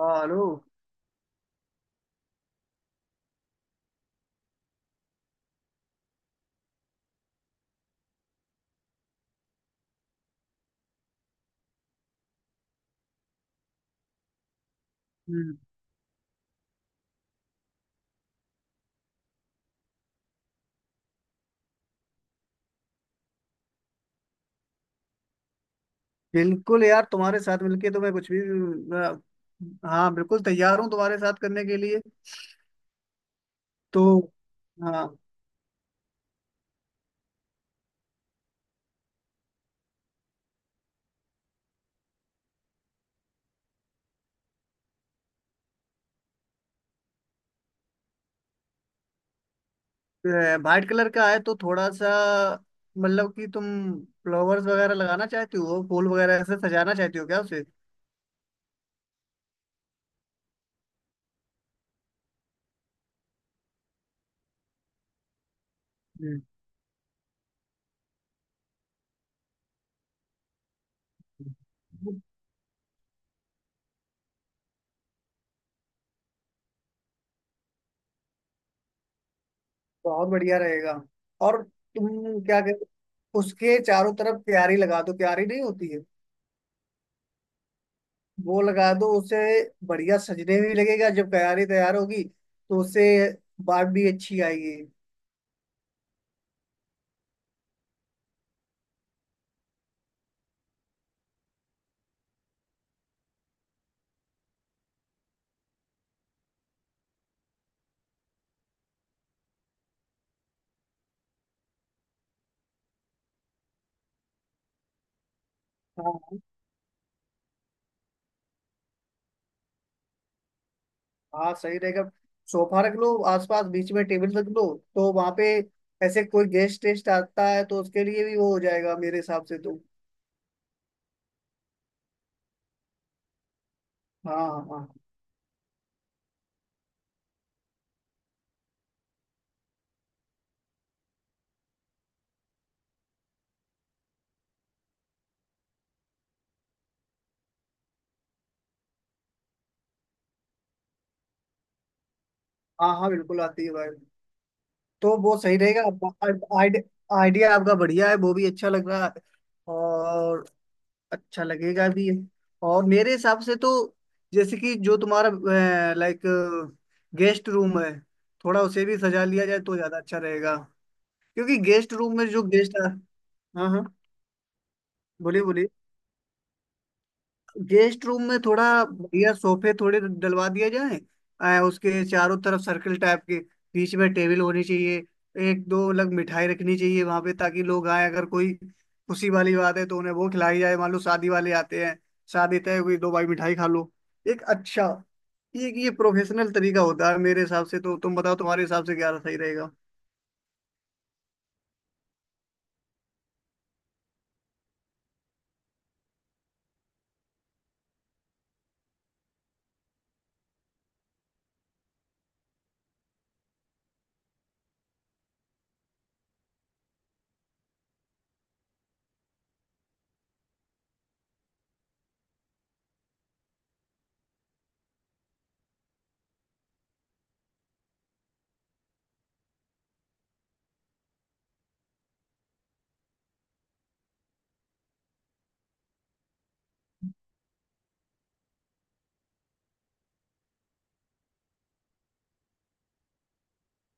हाँ, हेलो। हम्म, बिल्कुल यार तुम्हारे साथ मिलके तो मैं कुछ भी हाँ बिल्कुल तैयार हूँ तुम्हारे साथ करने के लिए। तो हाँ, वाइट कलर का है तो थोड़ा सा मतलब कि तुम फ्लावर्स वगैरह लगाना चाहती हो, फूल वगैरह ऐसे सजाना चाहती हो क्या उसे? हम्म, हम्म। बहुत बढ़िया रहेगा। और तुम क्या कहते, उसके चारों तरफ क्यारी लगा दो, क्यारी नहीं होती है, वो लगा दो उसे। बढ़िया सजने भी लगेगा जब तैयारी तैयार होगी तो उससे बात भी अच्छी आएगी। हाँ हाँ, सही रहेगा। सोफा रख लो आसपास, बीच में टेबल रख लो। तो वहां पे ऐसे कोई गेस्ट टेस्ट आता है तो उसके लिए भी वो हो जाएगा मेरे हिसाब से तो। हाँ हाँ। हाँ हाँ, बिल्कुल आती है भाई। तो वो सही रहेगा, आइडिया आपका बढ़िया है, वो भी अच्छा लग रहा है। और अच्छा लगेगा भी। और मेरे हिसाब से तो जैसे कि जो तुम्हारा लाइक गेस्ट रूम है, थोड़ा उसे भी सजा लिया जाए तो ज्यादा अच्छा रहेगा। क्योंकि गेस्ट रूम में जो गेस्ट, हाँ हाँ, बोलिए बोलिए। गेस्ट रूम में थोड़ा बढ़िया सोफे थोड़े डलवा दिया जाए, आ, उसके चारों तरफ सर्कल टाइप के। बीच में टेबल होनी चाहिए। एक दो अलग मिठाई रखनी चाहिए वहां पे, ताकि लोग आए अगर कोई खुशी वाली बात है तो उन्हें वो खिलाई जाए। मान लो शादी वाले आते हैं, शादी तय हुई, दो भाई मिठाई खा लो, एक अच्छा। ये प्रोफेशनल तरीका होता है मेरे हिसाब से तो, तुम बताओ तुम्हारे हिसाब से क्या सही रहेगा।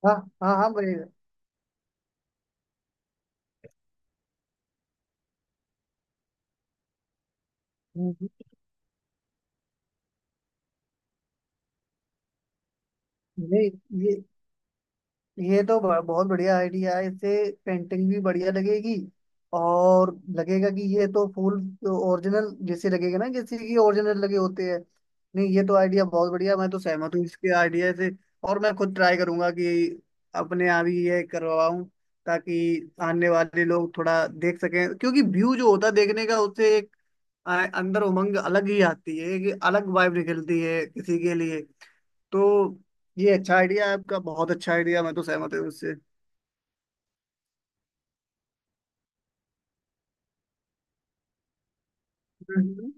हाँ हाँ हाँ भाई। हम्म, नहीं ये ये तो बहुत बढ़िया आइडिया है, इससे पेंटिंग भी बढ़िया लगेगी। और लगेगा कि ये तो फूल, तो ओरिजिनल जैसे लगेगा ना जैसे कि ओरिजिनल लगे होते हैं। नहीं ये तो आइडिया बहुत बढ़िया, मैं तो सहमत हूँ इसके आइडिया से। और मैं खुद ट्राई करूंगा कि अपने यहाँ भी ये करवाऊं, ताकि आने वाले लोग थोड़ा देख सकें। क्योंकि व्यू जो होता है देखने का उससे एक आ, अंदर उमंग अलग ही आती है, एक अलग वाइब निकलती है किसी के लिए। तो ये अच्छा आइडिया है आपका, बहुत अच्छा आइडिया, मैं तो सहमत हूँ उससे। हम्म।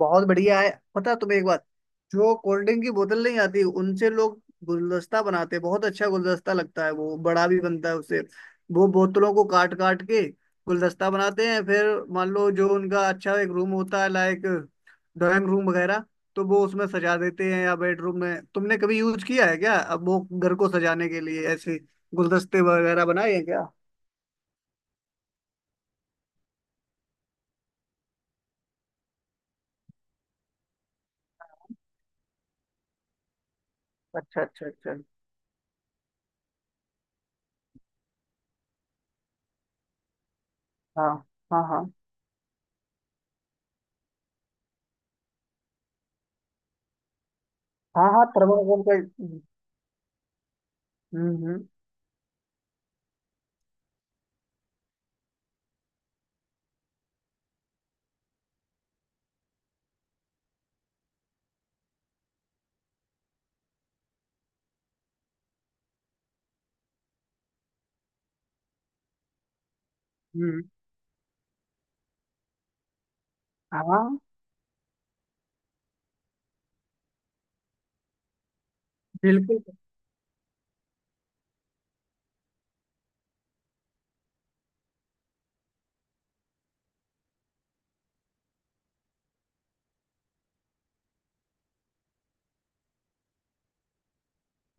बहुत बढ़िया है, पता है तुम्हें एक बात, जो कोल्ड ड्रिंक की बोतल नहीं आती, उनसे लोग गुलदस्ता बनाते हैं। बहुत अच्छा गुलदस्ता लगता है, वो बड़ा भी बनता है उससे। वो बोतलों को काट काट के गुलदस्ता बनाते हैं। फिर मान लो जो उनका अच्छा एक रूम होता है लाइक ड्राइंग रूम वगैरह, तो वो उसमें सजा देते हैं या बेडरूम में। तुमने कभी यूज किया है क्या अब वो घर को सजाने के लिए ऐसे गुलदस्ते वगैरह बनाए हैं क्या? अच्छा अच्छा अच्छा। हाँ हाँ हाँ। हाँ हाँ, थर्माकोल का। हम्म। हम्म, हाँ बिल्कुल।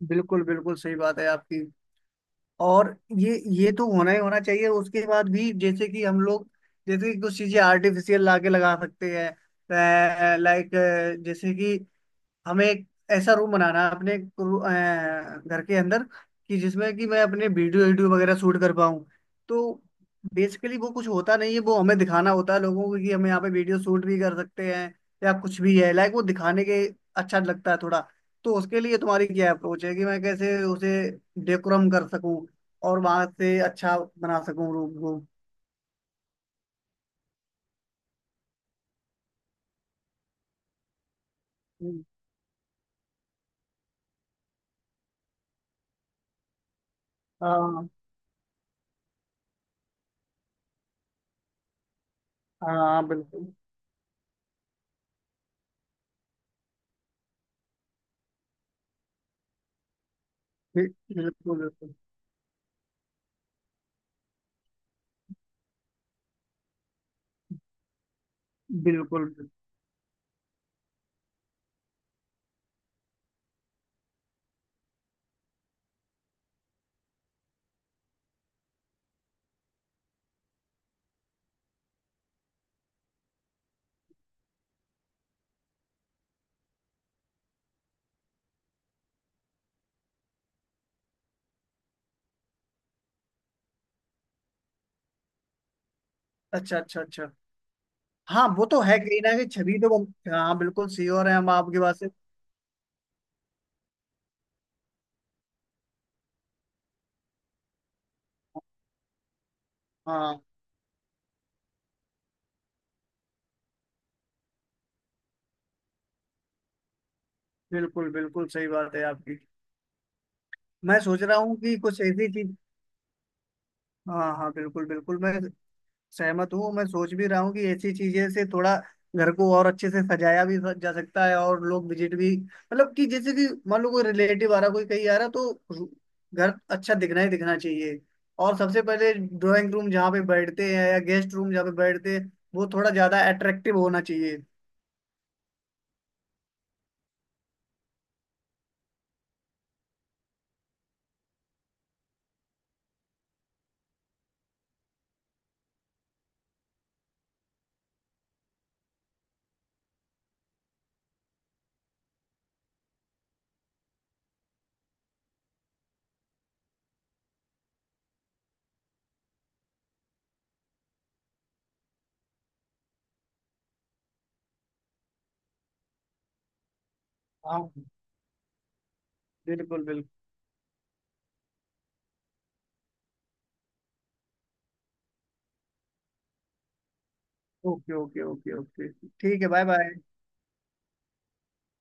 बिल्कुल बिल्कुल सही बात है आपकी। और ये तो होना ही होना चाहिए। उसके बाद भी जैसे कि हम लोग, जैसे कि कुछ चीजें आर्टिफिशियल लाके लगा सकते हैं लाइक, जैसे कि हमें एक ऐसा रूम बनाना है अपने घर के अंदर, कि जिसमें कि मैं अपने वीडियो वीडियो वगैरह शूट कर पाऊँ। तो बेसिकली वो कुछ होता नहीं है, वो हमें दिखाना होता है लोगों को कि हम यहाँ पे वीडियो शूट भी कर सकते हैं या कुछ भी है लाइक, वो दिखाने के अच्छा लगता है थोड़ा। तो उसके लिए तुम्हारी क्या अप्रोच है कि मैं कैसे उसे डेकोरम कर सकूं और वहां से अच्छा बना सकूं रूम को। हम्म, हाँ हाँ, बिल्कुल बिल्कुल। बिल्कुल बिल्कुल बिल्कुल। अच्छा अच्छा अच्छा। हाँ वो तो है, कहीं ना कहीं छवि तो हाँ बिल्कुल, श्योर है हम आपकी बात से। हाँ बिल्कुल, बिल्कुल सही बात है आपकी। मैं सोच रहा हूँ कि कुछ ऐसी चीज, हाँ हाँ बिल्कुल बिल्कुल, मैं सहमत हूँ। मैं सोच भी रहा हूँ कि ऐसी चीजें से थोड़ा घर को और अच्छे से सजाया भी जा सकता है, और लोग विजिट भी मतलब, कि जैसे कि मान लो कोई रिलेटिव आ रहा, कोई कहीं आ रहा तो घर अच्छा दिखना ही दिखना चाहिए। और सबसे पहले ड्राइंग रूम जहाँ पे बैठते हैं या गेस्ट रूम जहाँ पे बैठते हैं, वो थोड़ा ज्यादा अट्रैक्टिव होना चाहिए। हाँ बिल्कुल बिल्कुल। Okay okay okay okay. ठीक है, बाय बाय।